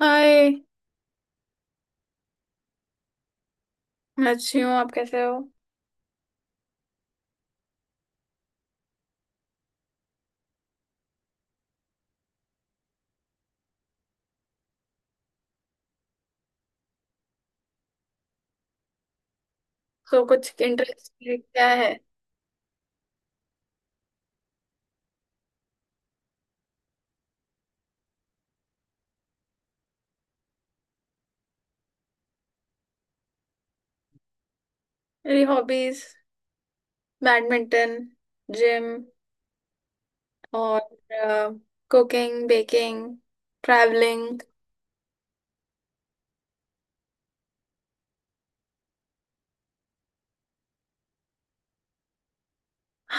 हाय। मैं अच्छी हूँ, आप कैसे हो? तो कुछ इंटरेस्ट क्या है? मेरी हॉबीज बैडमिंटन, जिम और कुकिंग, बेकिंग, ट्रैवलिंग।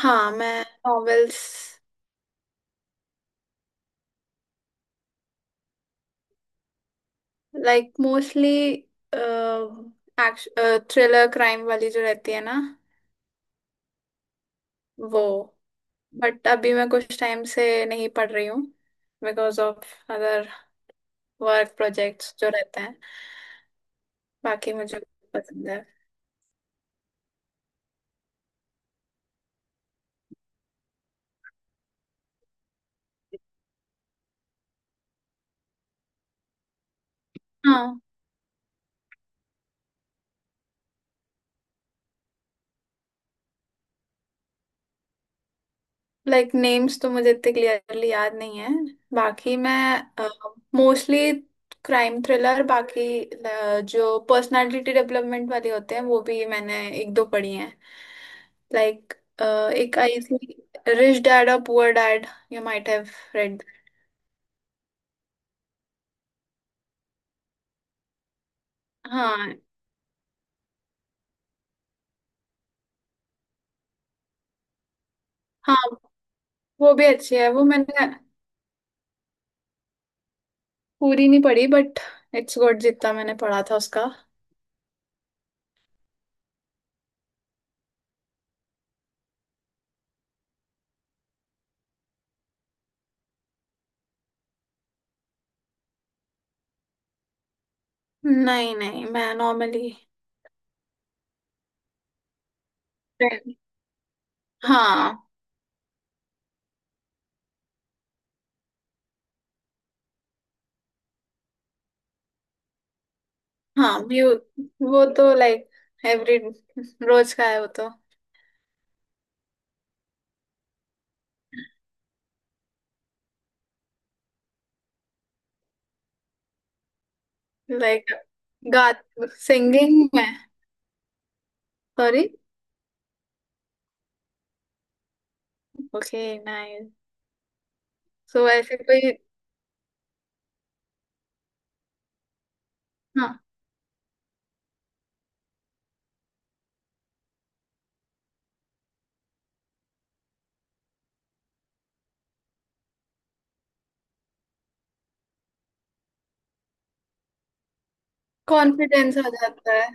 हाँ, मैं novels like mostly action, thriller, crime वाली जो रहती है ना वो। बट अभी मैं कुछ टाइम से नहीं पढ़ रही हूँ because of other work projects जो रहते हैं। बाकी मुझे पसंद है। हाँ, लाइक नेम्स तो मुझे इतने क्लियरली याद नहीं है। बाकी मैं मोस्टली क्राइम थ्रिलर, बाकी जो पर्सनालिटी डेवलपमेंट वाले होते हैं वो भी मैंने एक दो पढ़ी हैं। लाइक एक आई थी, रिच डैड और poor dad, you might have read. हाँ हाँ। वो भी अच्छी है, वो मैंने पूरी नहीं पढ़ी बट इट्स गुड जितना मैंने पढ़ा था उसका। नहीं नहीं, मैं नॉर्मली। हाँ। हाँ म्यू वो तो लाइक एवरी रोज का है वो तो। लाइक गा सिंगिंग में। सॉरी। Okay nice. सो ऐसे कोई। हाँ। कॉन्फिडेंस आ जाता है।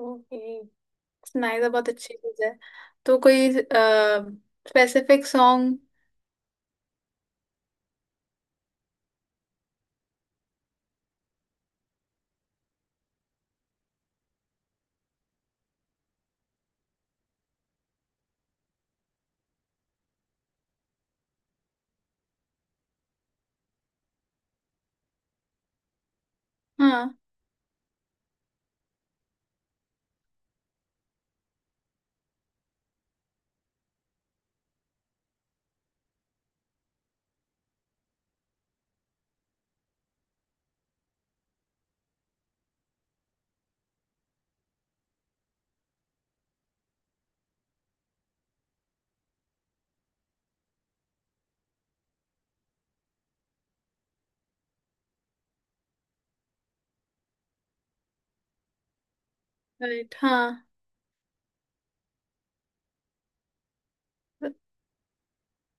ओके नाइस, बहुत अच्छी चीज है। तो कोई स्पेसिफिक सॉन्ग? हाँ। राइट, हाँ।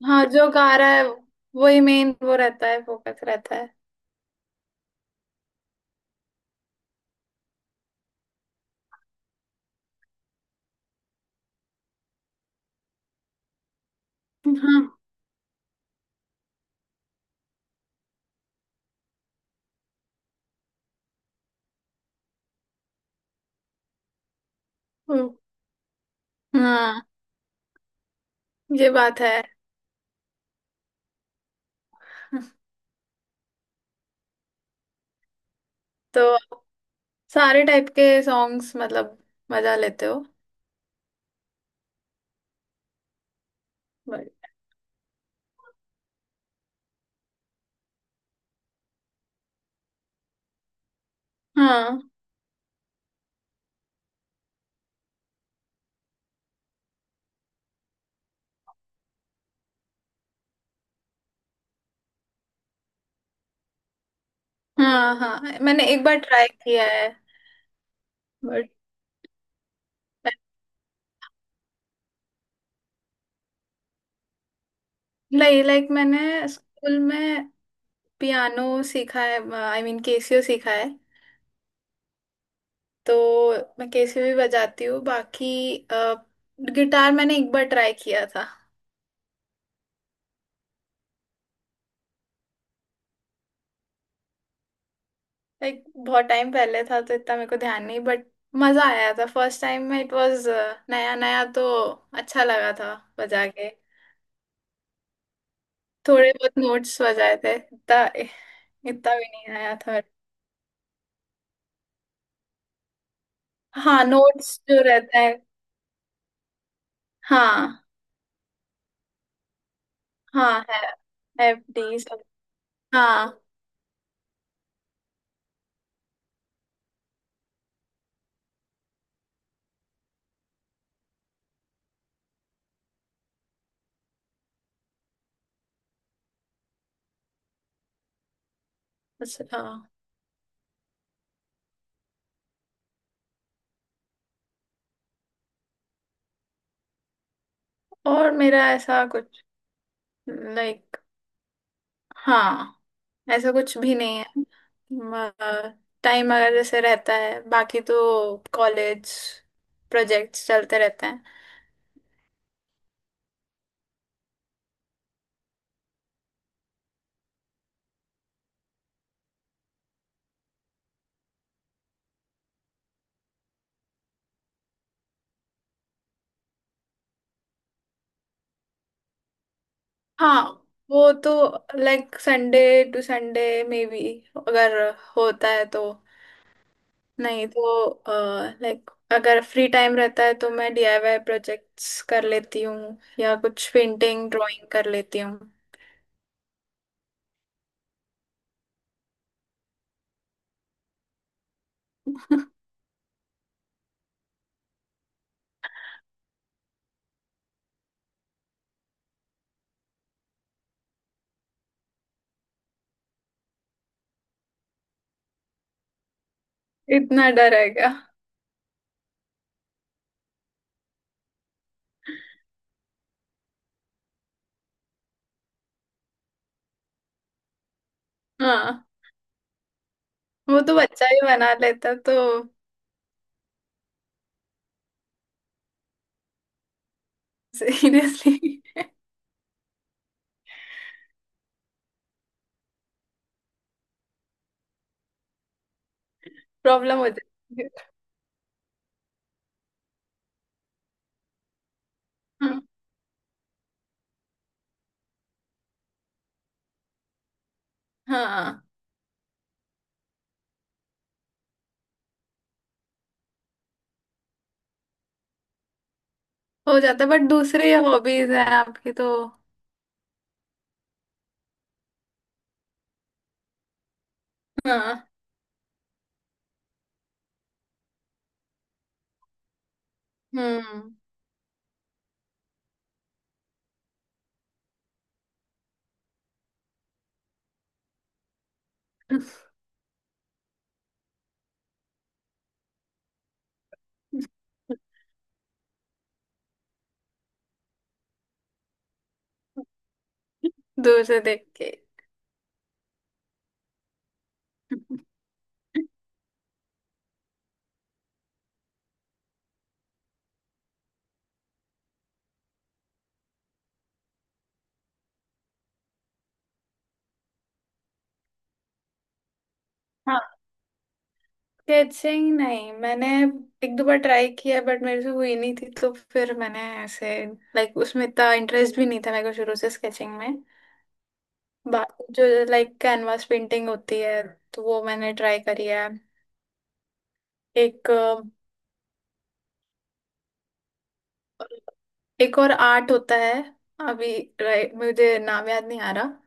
हाँ, जो गा रहा है वही मेन, वो रहता है, फोकस रहता है। हाँ। हम्म, हाँ, ये बात है। तो सारे टाइप के सॉन्ग्स मतलब मजा लेते हो? बट। हाँ हाँ। हाँ, मैंने एक बार ट्राई किया है। बट लाइक लाइक मैंने स्कूल में पियानो सीखा है, आई मीन केसियो सीखा है। तो मैं केसियो भी बजाती हूँ। बाकी गिटार मैंने एक बार ट्राई किया था। लाइक बहुत टाइम पहले था तो इतना मेरे को ध्यान नहीं, बट मजा आया था। फर्स्ट टाइम में इट वाज नया नया, तो अच्छा लगा था बजा के। थोड़े बहुत नोट्स बजाए थे इतना। इतना भी नहीं आया थर्ड। हाँ, नोट्स जो रहता है। हाँ, हाँ है। एफडी सब। हाँ। बस हाँ। और मेरा ऐसा कुछ। लाइक। हाँ, ऐसा कुछ भी नहीं है। टाइम अगर जैसे रहता है, बाकी तो कॉलेज प्रोजेक्ट्स चलते रहते हैं। हाँ वो तो like Sunday to Sunday maybe, अगर होता है तो। नहीं तो लाइक अगर फ्री टाइम रहता है तो मैं डीआईवाई प्रोजेक्ट्स कर लेती हूँ या कुछ पेंटिंग ड्राइंग कर लेती हूँ। इतना डर है क्या? हाँ वो तो बच्चा ही बना लेता तो। सीरियसली। प्रॉब्लम हो जाती है। हाँ हाँ। हो जाता है, बट दूसरी हॉबीज है आपकी तो। हाँ। हम्म। दूर से देख के। स्केचिंग नहीं, मैंने एक दो बार ट्राई किया बट मेरे से हुई नहीं थी, तो फिर मैंने ऐसे लाइक उसमें इतना इंटरेस्ट भी नहीं था मेरे को शुरू से स्केचिंग में। बाकी जो लाइक कैनवास पेंटिंग होती है तो वो मैंने ट्राई करी है। एक अ, एक और आर्ट होता है अभी, right, मुझे नाम याद नहीं आ रहा।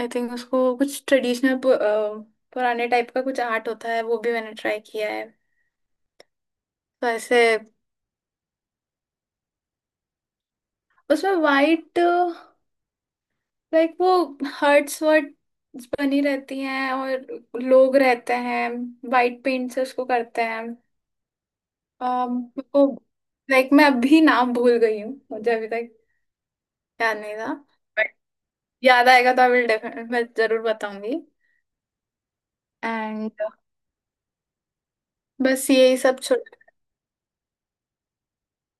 आई थिंक उसको कुछ ट्रेडिशनल, पुराने टाइप का कुछ आर्ट होता है, वो भी मैंने ट्राई किया है। तो ऐसे उसमें वाइट, लाइक वो हर्ट्स वर्ट्स बनी रहती हैं और लोग रहते हैं, वाइट पेंट से उसको करते हैं। मेरे को लाइक, मैं अभी नाम भूल गई हूँ, मुझे अभी तक याद नहीं था। बट याद आएगा तो आई विल डेफिनेट मैं जरूर बताऊंगी। एंड बस यही सब छोटा।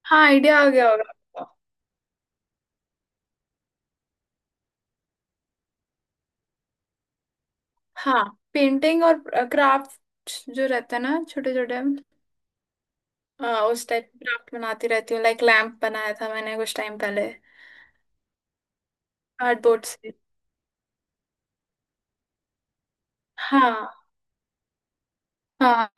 हाँ, आइडिया आ गया होगा आपको। हाँ, पेंटिंग और क्राफ्ट जो रहता है ना छोटे छोटे। उस टाइप क्राफ्ट बनाती रहती हूँ, लाइक लैंप बनाया था मैंने कुछ टाइम पहले। कार्डबोर्ड से। हाँ हाँ,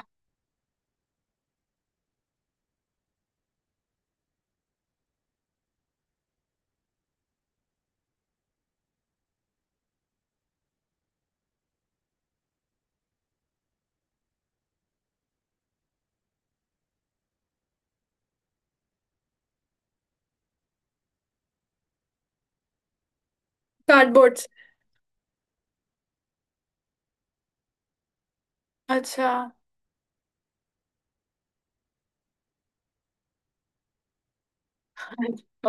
कार्डबोर्ड से। अच्छा।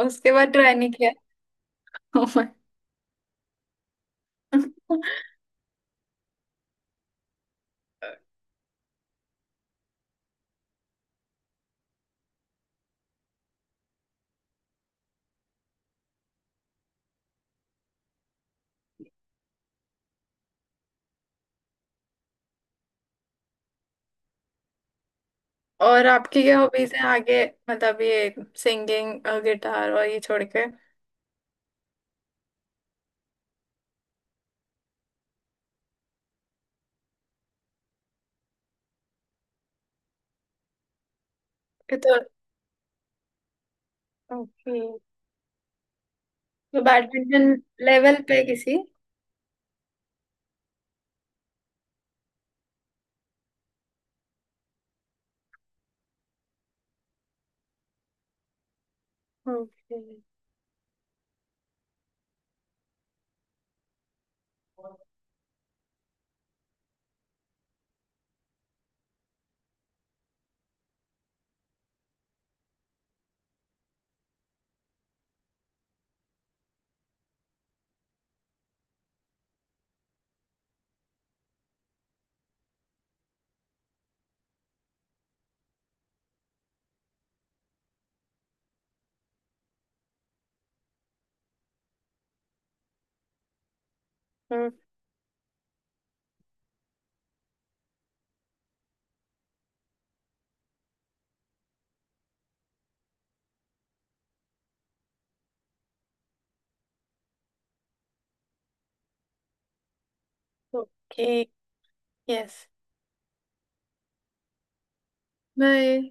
उसके बाद ट्राई नहीं किया। Oh my। और आपकी क्या हॉबीज हैं आगे, मतलब ये सिंगिंग, गिटार और ये छोड़ के? कि तो। ओके। तो बैडमिंटन लेवल पे किसी। Okay okay. यस। बाय।